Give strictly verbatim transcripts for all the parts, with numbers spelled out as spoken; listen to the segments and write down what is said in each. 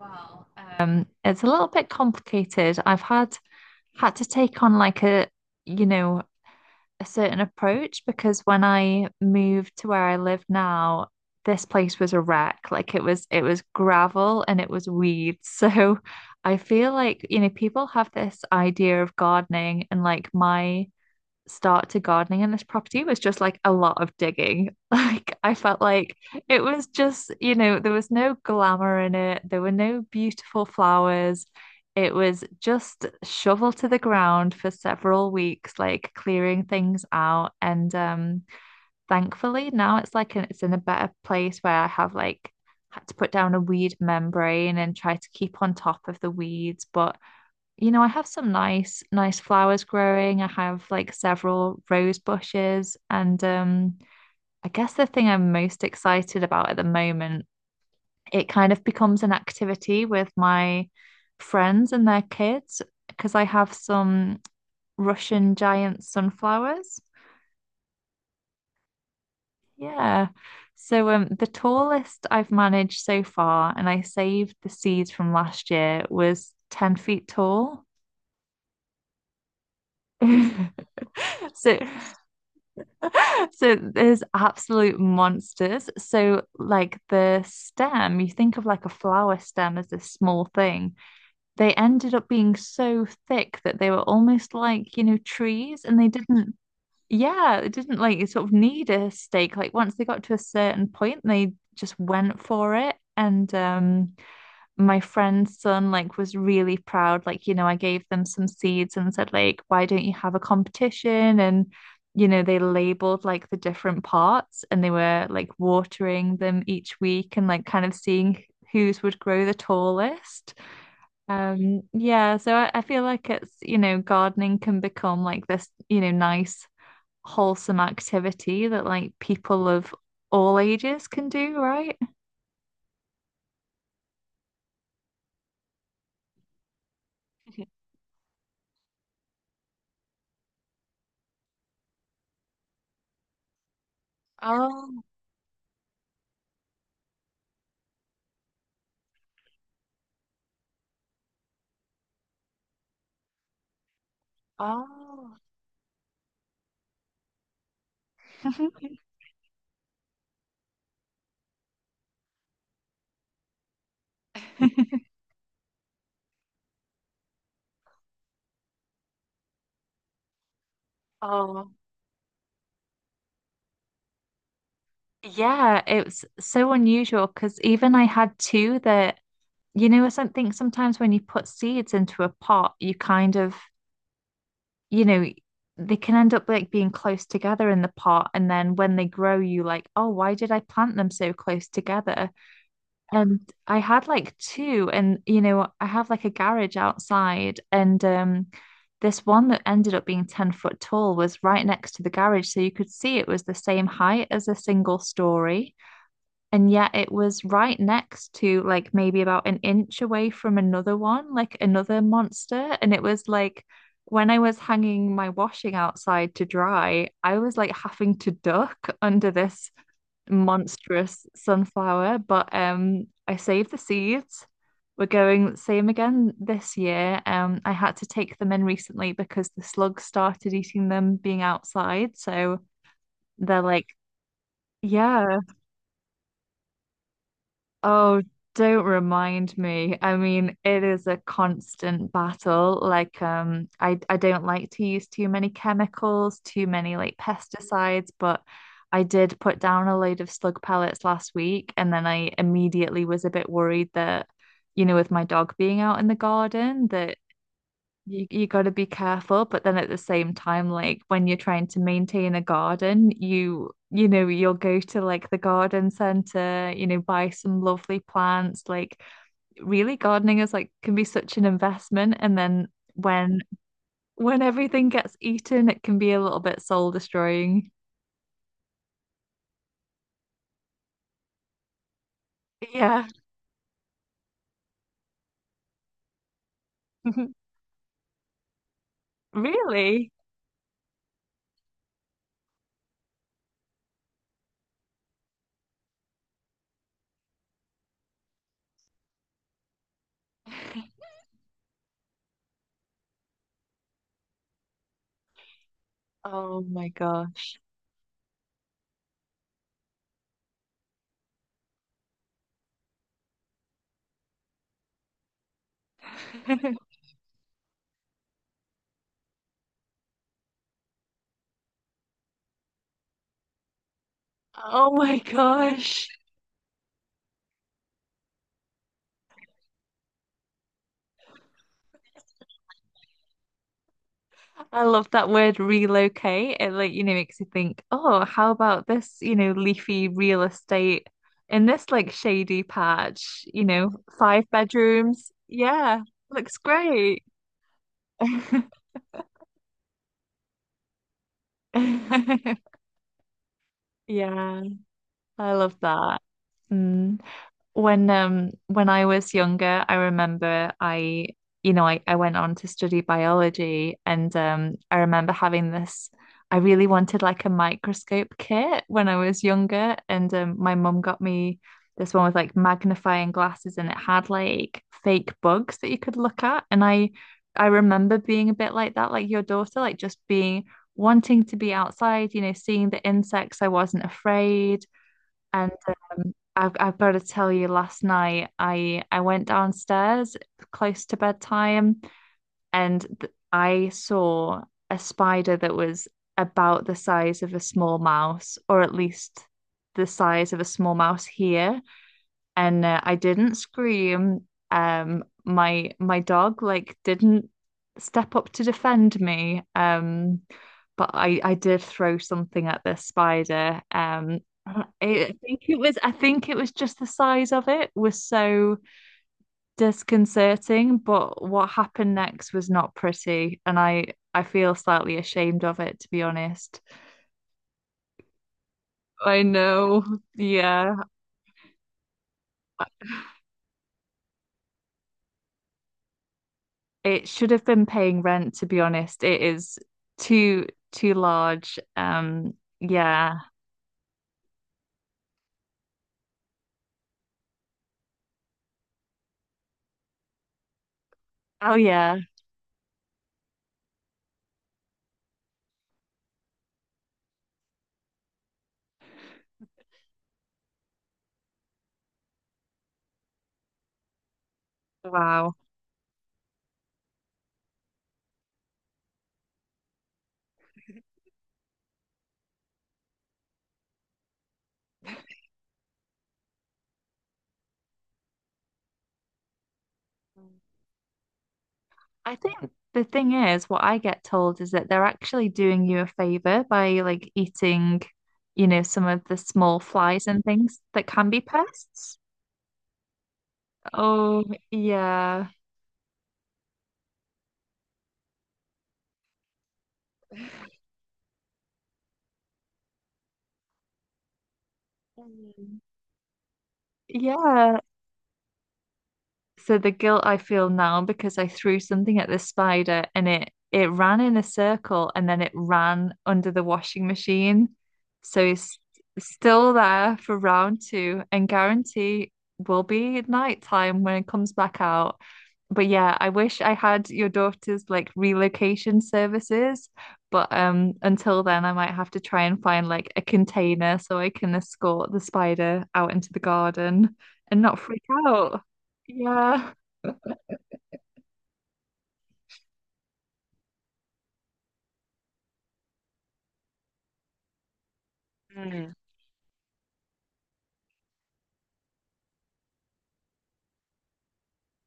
Well, um, it's a little bit complicated. I've had had to take on like a, you know, a certain approach because when I moved to where I live now, this place was a wreck. Like it was it was gravel and it was weeds. So I feel like, you know, people have this idea of gardening and like my start to gardening in this property was just like a lot of digging. Like I felt like it was just, you know, there was no glamour in it. There were no beautiful flowers. It was just shovel to the ground for several weeks, like clearing things out. And um, Thankfully now it's like in- it's in a better place where I have like had to put down a weed membrane and try to keep on top of the weeds. But you know, I have some nice, nice flowers growing. I have like several rose bushes. And um, I guess the thing I'm most excited about at the moment, it kind of becomes an activity with my friends and their kids because I have some Russian giant sunflowers. Yeah. So um, the tallest I've managed so far, and I saved the seeds from last year, was ten feet tall. So so there's absolute monsters. So like the stem, you think of like a flower stem as this small thing. They ended up being so thick that they were almost like, you know, trees and they didn't, yeah, they didn't like sort of need a stake. Like once they got to a certain point, they just went for it. And um my friend's son like was really proud, like you know, I gave them some seeds and said like, why don't you have a competition? And you know, they labeled like the different parts and they were like watering them each week and like kind of seeing whose would grow the tallest. um yeah, so I, I feel like it's, you know, gardening can become like this, you know, nice wholesome activity that like people of all ages can do, right? Oh, oh. Oh, yeah, it was so unusual because even I had two that, you know, something sometimes when you put seeds into a pot, you kind of, you know, they can end up like being close together in the pot. And then when they grow, you like, oh, why did I plant them so close together? And I had like two, and, you know, I have like a garage outside, and um, this one that ended up being ten foot tall was right next to the garage. So you could see it was the same height as a single story. And yet it was right next to, like, maybe about an inch away from another one, like another monster. And it was like when I was hanging my washing outside to dry, I was like having to duck under this monstrous sunflower. But um, I saved the seeds. We're going same again this year. Um, I had to take them in recently because the slugs started eating them being outside. So they're like, yeah. Oh, don't remind me. I mean, it is a constant battle. Like, um, I I don't like to use too many chemicals, too many like pesticides, but I did put down a load of slug pellets last week, and then I immediately was a bit worried that, you know, with my dog being out in the garden, that you you got to be careful. But then at the same time, like when you're trying to maintain a garden, you you know you'll go to like the garden center, you know, buy some lovely plants. Like really, gardening is like can be such an investment, and then when when everything gets eaten, it can be a little bit soul destroying. Yeah, really. Oh my gosh. Oh my gosh. I love that word relocate. It like, you know, makes you think, oh, how about this, you know, leafy real estate in this like shady patch, you know, five bedrooms. Yeah, looks great. Yeah, I love that. Mm. When um when I was younger, I remember I, you know, I, I went on to study biology, and um I remember having this, I really wanted like a microscope kit when I was younger. And um my mum got me this one with like magnifying glasses, and it had like fake bugs that you could look at. And I I remember being a bit like that, like your daughter, like just being, wanting to be outside, you know, seeing the insects. I wasn't afraid. And um, I've I've got to tell you, last night I I went downstairs close to bedtime, and th I saw a spider that was about the size of a small mouse, or at least the size of a small mouse here. And uh, I didn't scream. Um, my my dog like didn't step up to defend me. Um, but I I did throw something at this spider. Um, I I think it was I think it was just the size of it was so disconcerting. But what happened next was not pretty, and I I feel slightly ashamed of it, to be honest. I know, yeah. It should have been paying rent, to be honest. It is too too large. Um, yeah. Oh yeah. Wow. I think the thing is, what I get told is that they're actually doing you a favor by like eating, you know, some of the small flies and things that can be pests. Oh, yeah. Mm. Yeah. So the guilt I feel now, because I threw something at the spider and it it ran in a circle and then it ran under the washing machine. So it's still there for round two, and guarantee will be at night time when it comes back out. But yeah, I wish I had your daughter's like relocation services. But um until then I might have to try and find like a container so I can escort the spider out into the garden and not freak out. Yeah. Mm.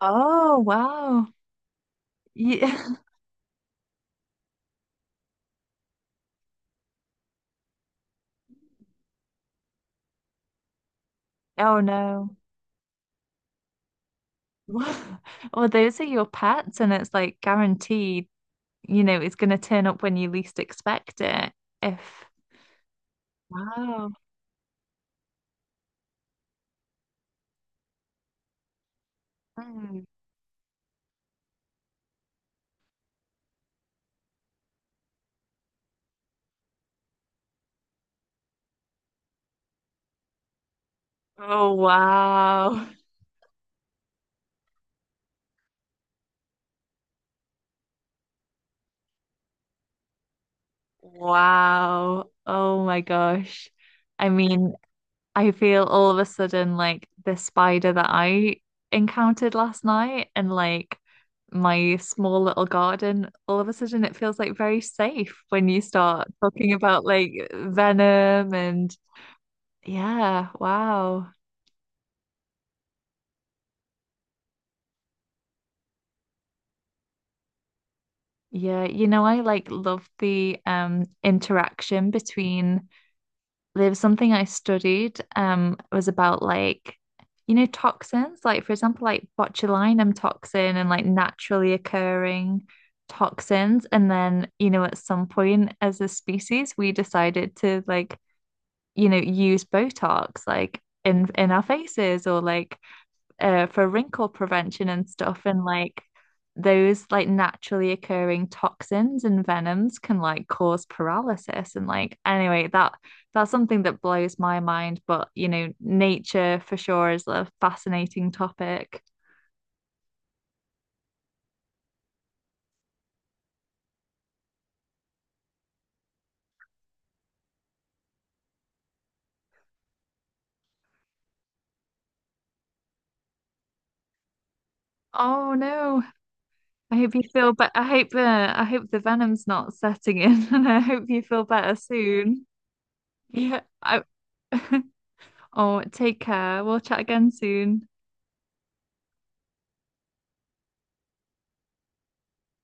Oh, wow. Yeah. Oh, no. Well, those are your pets, and it's like guaranteed, you know, it's going to turn up when you least expect it. If, wow. Mm. Oh, wow. Wow. Oh, my gosh. I mean, I feel all of a sudden like the spider that I encountered last night and like my small little garden, all of a sudden it feels like very safe when you start talking about like venom and yeah, wow. Yeah, you know, I like love the um interaction between, there was something I studied, um it was about like, you know, toxins, like for example like botulinum toxin and like naturally occurring toxins. And then you know at some point as a species we decided to like, you know, use Botox like in in our faces, or like uh, for wrinkle prevention and stuff. And like those like naturally occurring toxins and venoms can like cause paralysis. And like anyway, that that's something that blows my mind. But you know, nature for sure is a fascinating topic. Oh no. I hope you feel better. I hope uh, I hope the venom's not setting in and I hope you feel better soon. Yeah. I- oh, take care. We'll chat again soon.